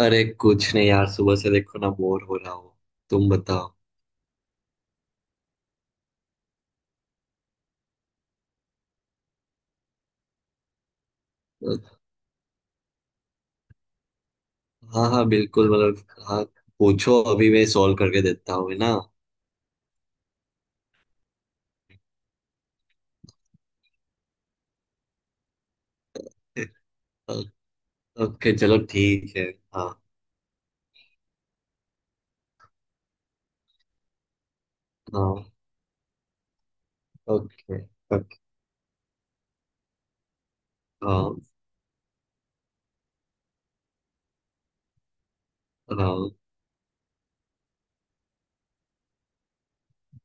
अरे कुछ नहीं यार, सुबह से देखो ना, बोर हो रहा हो। तुम बताओ। हाँ हाँ, बिल्कुल, मतलब हाँ। पूछो, अभी मैं सॉल्व करके देता हूँ, है ना। ओके, चलो ठीक है। हाँ हाँ। Okay okay. हाँ हाँ।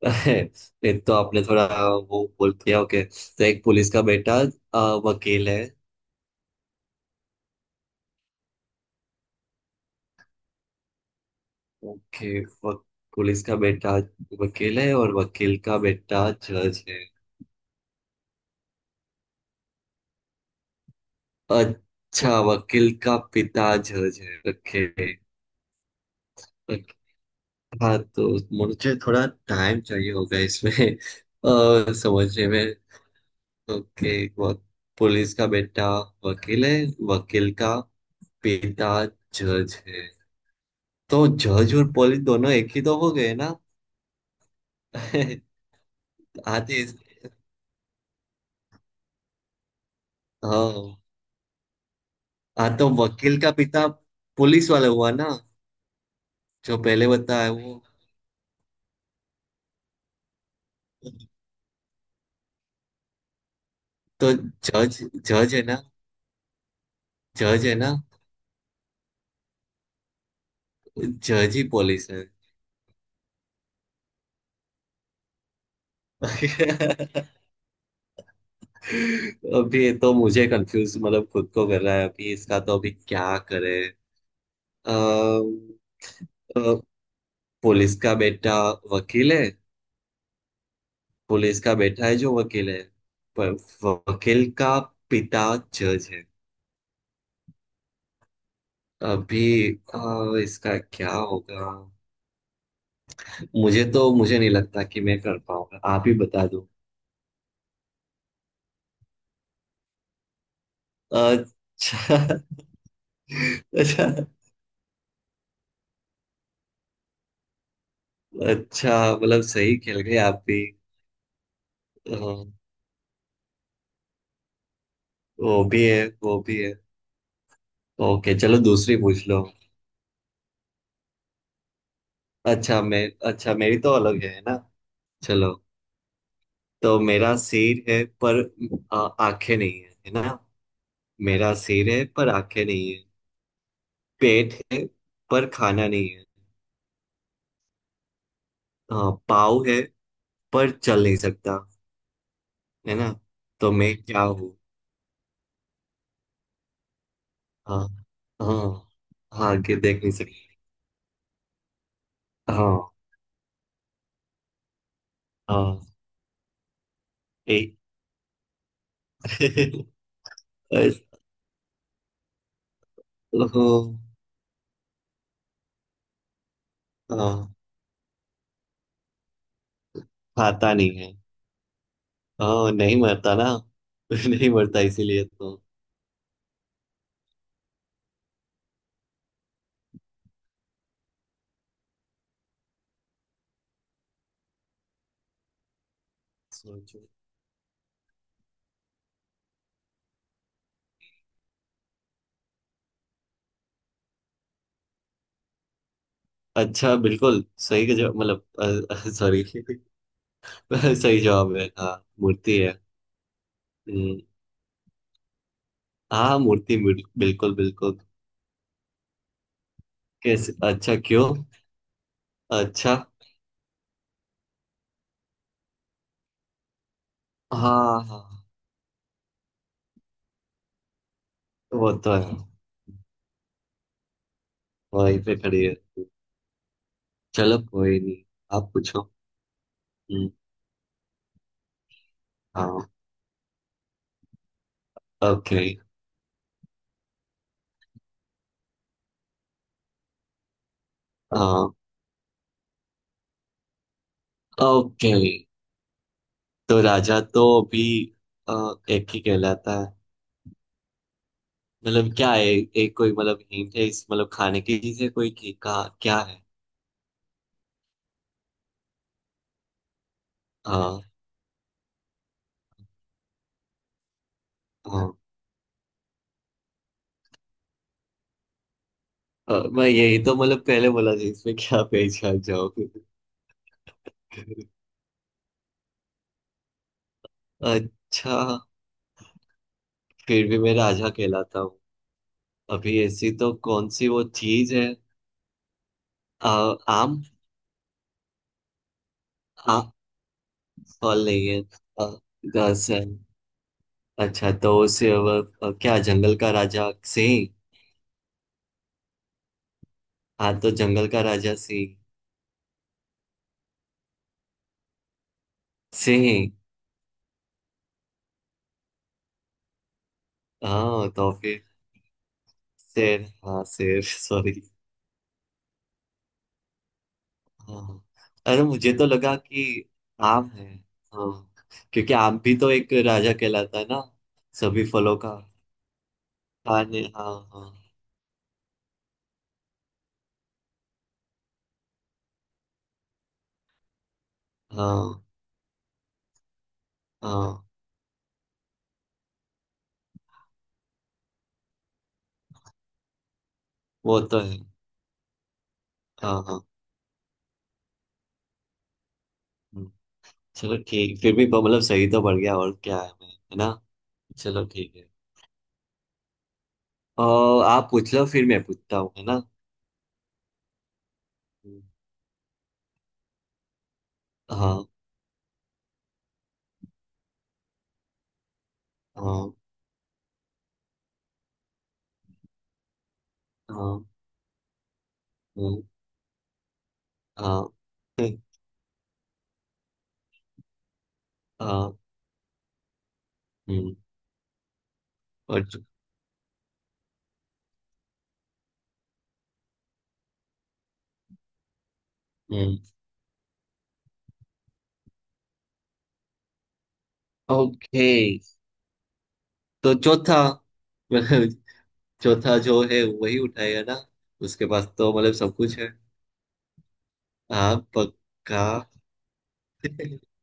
ये तो आपने थोड़ा वो बोल दिया। ओके, तो एक पुलिस का बेटा वकील है। ओके। पुलिस का बेटा वकील है और वकील का बेटा जज है। अच्छा, वकील का पिता जज है, ओके। हाँ, तो मुझे थोड़ा टाइम चाहिए होगा इसमें, समझने में। ओके। वक, पुलिस का बेटा वकील है। वकील का पिता जज है। तो जज और पुलिस दोनों एक ही तो हो गए ना। आते। हाँ, हाँ तो वकील का पिता पुलिस वाला हुआ ना, जो पहले बताया वो। तो जज जज है ना। जज है ना। जज ही पुलिस है। अभी ये तो मुझे कंफ्यूज, मतलब खुद को कर रहा है अभी इसका तो। अभी क्या करे। अम, अ, पुलिस का बेटा वकील है। पुलिस का बेटा है जो वकील है। पर वकील का पिता जज है। अभी इसका क्या होगा। मुझे नहीं लगता कि मैं कर पाऊंगा, आप ही बता दो। अच्छा। अच्छा। अच्छा, मतलब सही खेल गए आप भी। वो भी है, वो भी है। ओके, चलो दूसरी पूछ लो। अच्छा मेरी तो अलग है ना। चलो। तो मेरा सिर है पर आंखें नहीं है, है ना। मेरा सिर है पर आंखें नहीं है। पेट है पर खाना नहीं है। हाँ, पाँव है पर चल नहीं सकता, है ना। तो मैं क्या हूँ। हाँ। हाँ। हाँ आगे देख नहीं सकता। हाँ। हाँ। एक, बस, हाँ। हाँ, खाता नहीं है। हाँ, नहीं मरता ना। नहीं मरता इसीलिए तो। सोचो। अच्छा, बिल्कुल सही का जवाब, मतलब, सॉरी सही जवाब है हाँ, मूर्ति है। हम्म, हाँ, मूर्ति, बिल्कुल बिल्कुल। कैसे, अच्छा क्यों। अच्छा, हाँ हाँ, वो तो है, वहीं पे खड़ी है। चलो कोई नहीं। आप पूछो। हम्म, हाँ, ओके। हाँ, ओके। तो राजा तो अभी, अ, एक ही कहलाता है। मतलब क्या है, एक कोई मतलब हिंट है इस मतलब, खाने की चीज है कोई की का क्या है। हाँ। हाँ, मैं यही तो मतलब पहले बोला था इसमें, क्या पहचान जाओगे। अच्छा। फिर भी मैं राजा कहलाता हूँ। अभी ऐसी तो कौन सी वो चीज है। अ, आम। आ, फल नहीं है। अ, घास है। अच्छा, तो उसे अब, क्या जंगल का राजा सिंह। हाँ तो जंगल का राजा सिंह। सिंह। हाँ तो फिर शेर, हाँ शेर। सॉरी। हाँ। अरे, मुझे तो लगा कि आम है। हाँ, क्योंकि आम भी तो एक राजा कहलाता है ना। सभी फलों का। खाने, हाँ हाँ। हाँ हाँ, वो तो है। हाँ हाँ। हम्म, चलो ठीक, फिर भी मतलब सही तो बढ़ गया, और क्या है मैं, है ना। चलो ठीक है, और आप पूछ लो फिर मैं पूछता हूँ, है ना। हम्म, हाँ। हाँ। हाँ। हम्म, हाँ। हाँ। हम्म, और। हम्म, ओके, तो चौथा, चौथा जो है वही उठाएगा ना। उसके पास तो मतलब सब कुछ है। हाँ पक्का।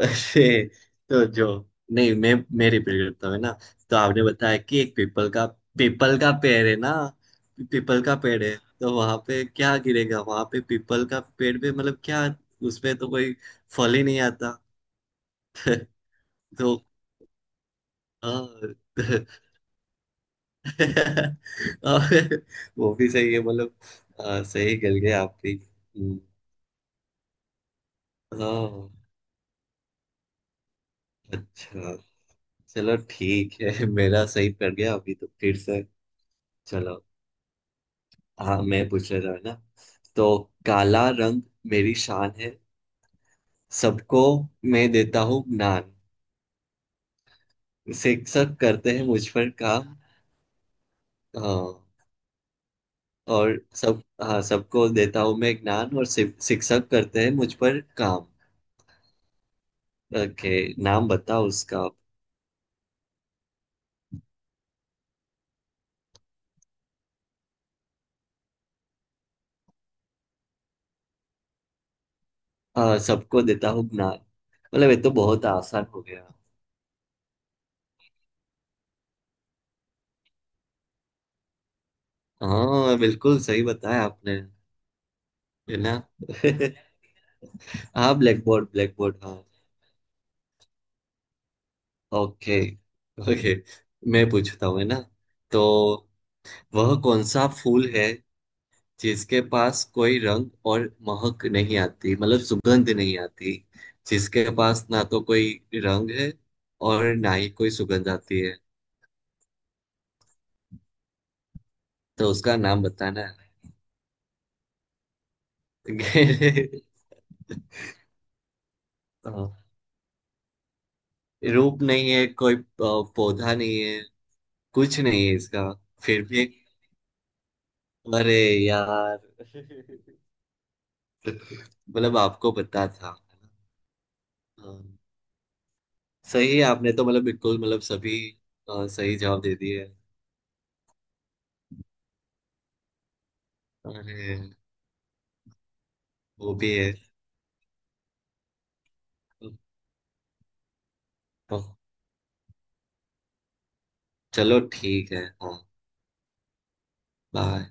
अरे, तो जो, नहीं, मैं रिपीट करता हूँ ना। तो आपने बताया कि एक पीपल का पेड़ है ना। पीपल का पेड़ है। तो वहां पे क्या गिरेगा, वहां पे पीपल का पेड़ पे मतलब क्या। उसमें तो कोई फल ही नहीं आता। तो हाँ, और वो भी सही है मतलब। हाँ, सही गल गए आप भी। हम्म, हाँ, अच्छा, चलो ठीक है। मेरा सही पड़ गया अभी, तो फिर से। चलो। हाँ, मैं पूछ रहा था ना। तो काला रंग मेरी शान है, सबको मैं देता हूँ ज्ञान, शिक्षक करते हैं मुझ पर काम। हाँ, और सब, हाँ, सबको देता हूँ मैं ज्ञान, और शिक्षक करते हैं मुझ पर काम। ओके, नाम बताओ उसका आप। हाँ, सबको देता हूँ ज्ञान, मतलब ये तो बहुत आसान हो गया। हाँ, बिल्कुल सही बताया आपने। है ना। हाँ, ब्लैक बोर्ड, ब्लैक बोर्ड, हाँ। ओके, ओके, मैं पूछता हूँ, है ना। तो वह कौन सा फूल है जिसके पास कोई रंग और महक नहीं आती, मतलब सुगंध नहीं आती। जिसके पास ना तो कोई रंग है और ना ही कोई सुगंध आती है। तो उसका नाम बताना है। हाँ, रूप नहीं है कोई, पौधा नहीं है। कुछ नहीं है इसका, फिर भी, अरे यार। मतलब आपको पता था, है ना? हाँ, सही है आपने तो, मतलब बिल्कुल, मतलब सभी सही जवाब दे दिए। अरे, वो भी है। चलो, ठीक है। हाँ, बाय।